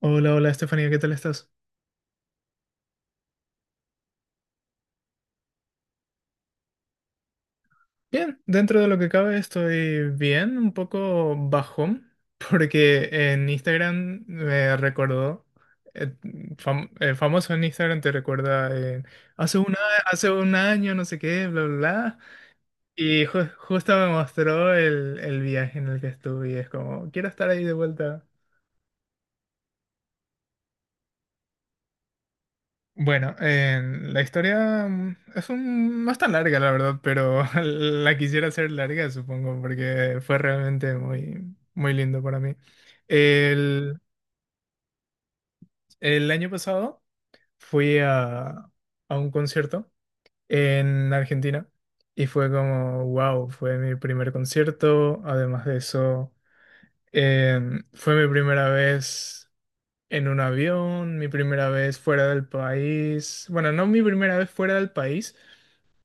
Hola, hola Estefanía, ¿qué tal estás? Bien, dentro de lo que cabe estoy bien, un poco bajón, porque en Instagram me recordó, eh, famoso en Instagram te recuerda, hace un año, no sé qué, bla, bla, bla, y justo me mostró el viaje en el que estuve y es como, quiero estar ahí de vuelta. Bueno, en la historia no es tan larga, la verdad, pero la quisiera hacer larga, supongo, porque fue realmente muy, muy lindo para mí. El, el año pasado fui a un concierto en Argentina y fue como, wow, fue mi primer concierto. Además de eso, fue mi primera vez en un avión, mi primera vez fuera del país. Bueno, no mi primera vez fuera del país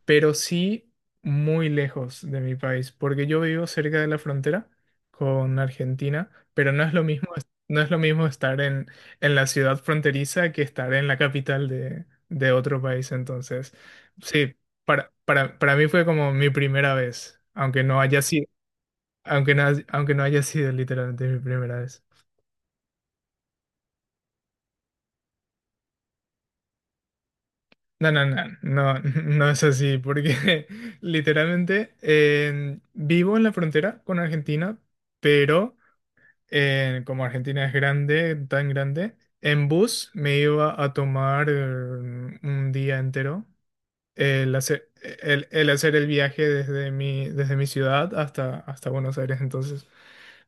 pero sí muy lejos de mi país, porque yo vivo cerca de la frontera con Argentina, pero no es lo mismo, no es lo mismo estar en la ciudad fronteriza que estar en la capital de otro país. Entonces, sí, para mí fue como mi primera vez, aunque no haya sido literalmente mi primera vez. No, no, no, no, no es así, porque literalmente vivo en la frontera con Argentina, pero como Argentina es grande, tan grande, en bus me iba a tomar un día entero el hacer el hacer el viaje desde mi ciudad hasta Buenos Aires. Entonces,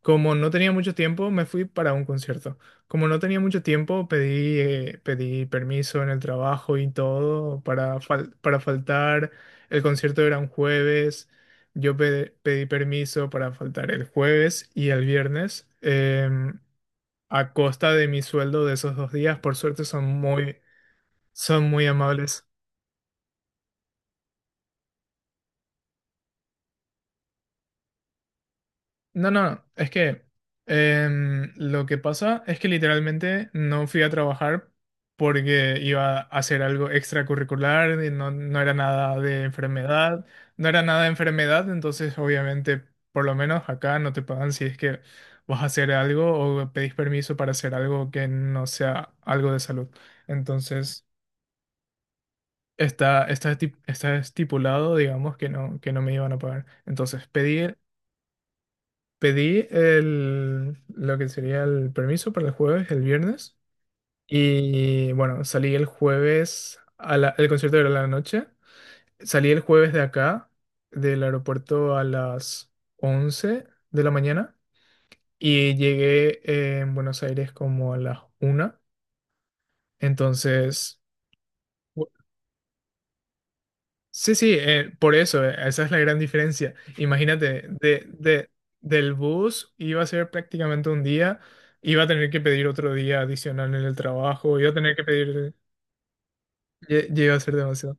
como no tenía mucho tiempo, me fui para un concierto. Como no tenía mucho tiempo, pedí permiso en el trabajo y todo para faltar. El concierto era un jueves. Yo pedí permiso para faltar el jueves y el viernes, a costa de mi sueldo de esos 2 días. Por suerte son muy amables. No, no, es que lo que pasa es que literalmente no fui a trabajar porque iba a hacer algo extracurricular, y no, no era nada de enfermedad, no era nada de enfermedad, entonces obviamente por lo menos acá no te pagan si es que vas a hacer algo o pedís permiso para hacer algo que no sea algo de salud. Entonces está estipulado, digamos, que no, me iban a pagar. Entonces pedí lo que sería el permiso para el jueves, el viernes. Y bueno, salí el jueves, el concierto era a la noche. Salí el jueves de acá, del aeropuerto a las 11 de la mañana. Y llegué en Buenos Aires como a las una. Entonces, Sí, sí, por eso, esa es la gran diferencia. Imagínate, del bus iba a ser prácticamente un día, iba a tener que pedir otro día adicional en el trabajo, iba a tener que pedir, ya iba a ser demasiado.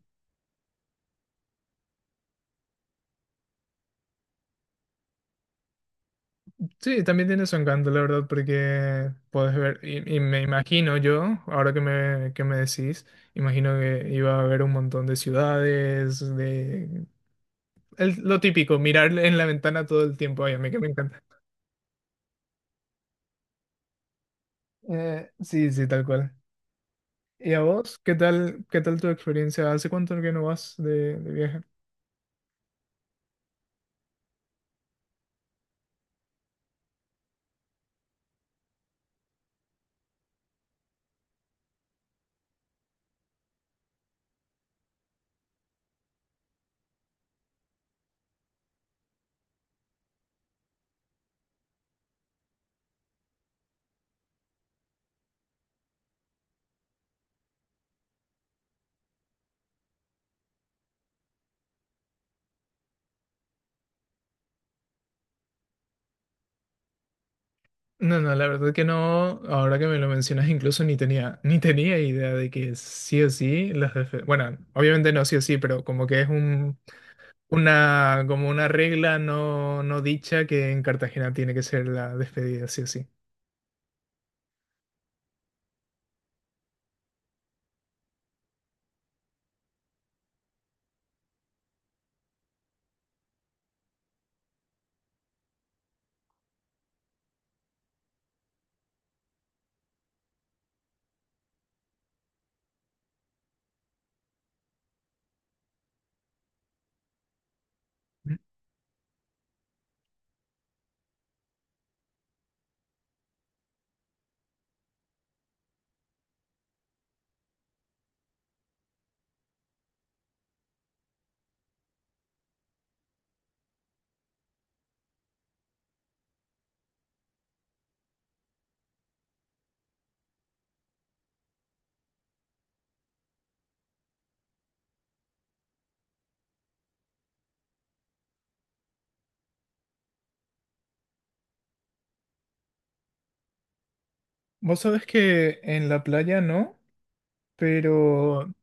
Sí, también tiene su encanto, la verdad, porque puedes ver, y me imagino yo, ahora que me decís, imagino que iba a haber un montón de ciudades, de lo típico, mirar en la ventana todo el tiempo, ay, a mí que me encanta. Sí, sí, tal cual. ¿Y a vos? ¿Qué tal tu experiencia? ¿Hace cuánto que no vas de viaje? No, no, la verdad que no. Ahora que me lo mencionas, incluso ni tenía, ni tenía idea de que sí o sí las Bueno, obviamente no sí o sí, pero como que es una, como una regla no dicha que en Cartagena tiene que ser la despedida sí o sí. Vos sabés que en la playa no, pero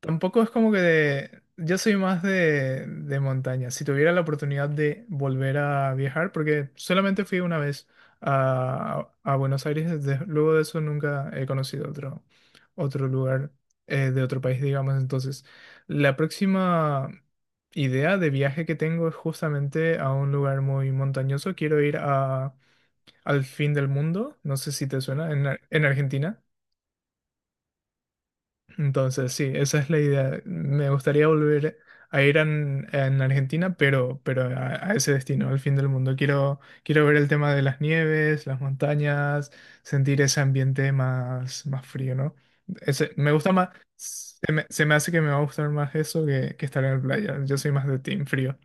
tampoco es como que de... Yo soy más de montaña. Si tuviera la oportunidad de volver a viajar, porque solamente fui una vez a Buenos Aires, luego de eso nunca he conocido otro lugar de otro país, digamos. Entonces, la próxima idea de viaje que tengo es justamente a un lugar muy montañoso. Quiero ir al fin del mundo, no sé si te suena, en Argentina. Entonces, sí, esa es la idea. Me gustaría volver a ir en Argentina, pero, pero a ese destino, al fin del mundo. Quiero ver el tema de las nieves, las montañas, sentir ese ambiente más, más frío, ¿no? Ese, me gusta más, se me hace que me va a gustar más eso que estar en la playa. Yo soy más de team frío.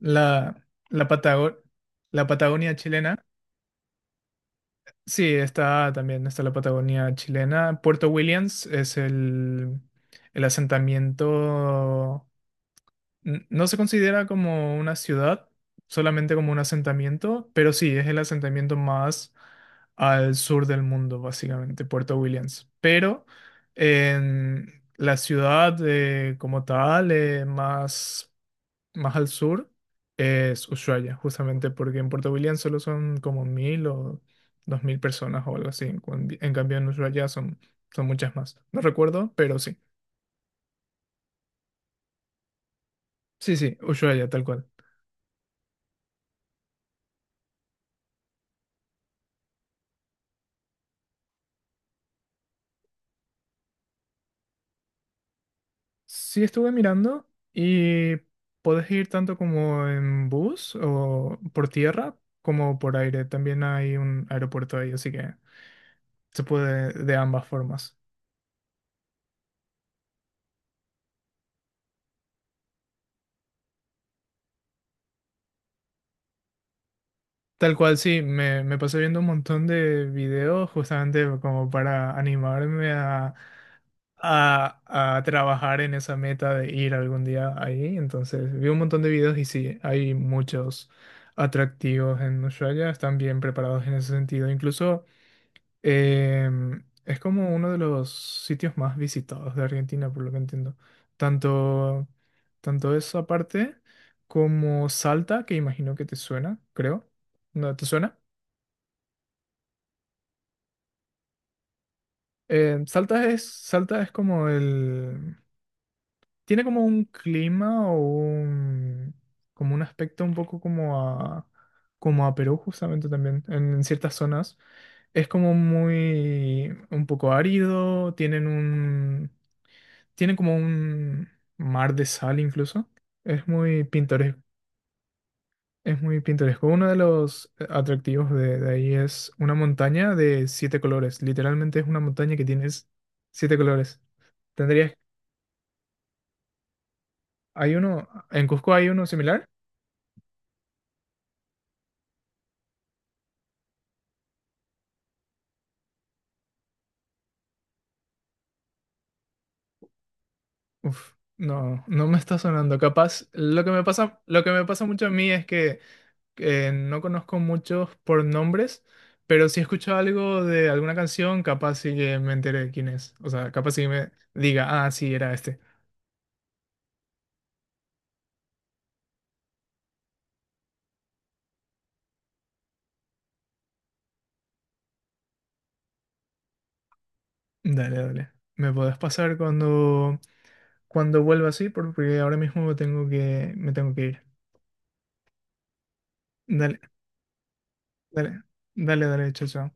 La, la Patago- la Patagonia chilena. Sí, está también, está la Patagonia chilena. Puerto Williams es el asentamiento, no se considera como una ciudad, solamente como un asentamiento, pero sí, es el asentamiento más al sur del mundo, básicamente, Puerto Williams. Pero en la ciudad como tal, más al sur es Ushuaia, justamente porque en Puerto William solo son como 1.000 o 2.000 personas o algo así. En, en cambio en Ushuaia son, son muchas más. No recuerdo, pero sí. Sí, sí, Ushuaia, tal cual. Sí estuve mirando y puedes ir tanto como en bus o por tierra como por aire. También hay un aeropuerto ahí, así que se puede de ambas formas. Tal cual, sí, me pasé viendo un montón de videos justamente como para animarme a, a trabajar en esa meta de ir algún día ahí. Entonces, vi un montón de videos y sí, hay muchos atractivos en Ushuaia, están bien preparados en ese sentido. Incluso es como uno de los sitios más visitados de Argentina, por lo que entiendo. Tanto, tanto esa parte como Salta, que imagino que te suena, creo. ¿No te suena? Salta es como el... Tiene como un clima o un... como un aspecto un poco como a... como a Perú justamente también, en ciertas zonas. Es como muy... un poco árido, tienen un... Tiene como un mar de sal incluso. Es muy pintoresco. Es muy pintoresco. Uno de los atractivos de ahí es una montaña de siete colores. Literalmente es una montaña que tienes siete colores. Tendrías... Hay uno... ¿En Cusco hay uno similar? Uf, no, no me está sonando. Capaz, lo que me pasa mucho a mí es que no conozco muchos por nombres, pero si he escuchado algo de alguna canción, capaz sí que me enteré de quién es. O sea, capaz sí que me diga, ah, sí, era este. Dale, dale. ¿Me podés pasar cuando vuelva así? Porque ahora mismo tengo que, me tengo que ir. Dale, dale, dale, dale, chao, chao.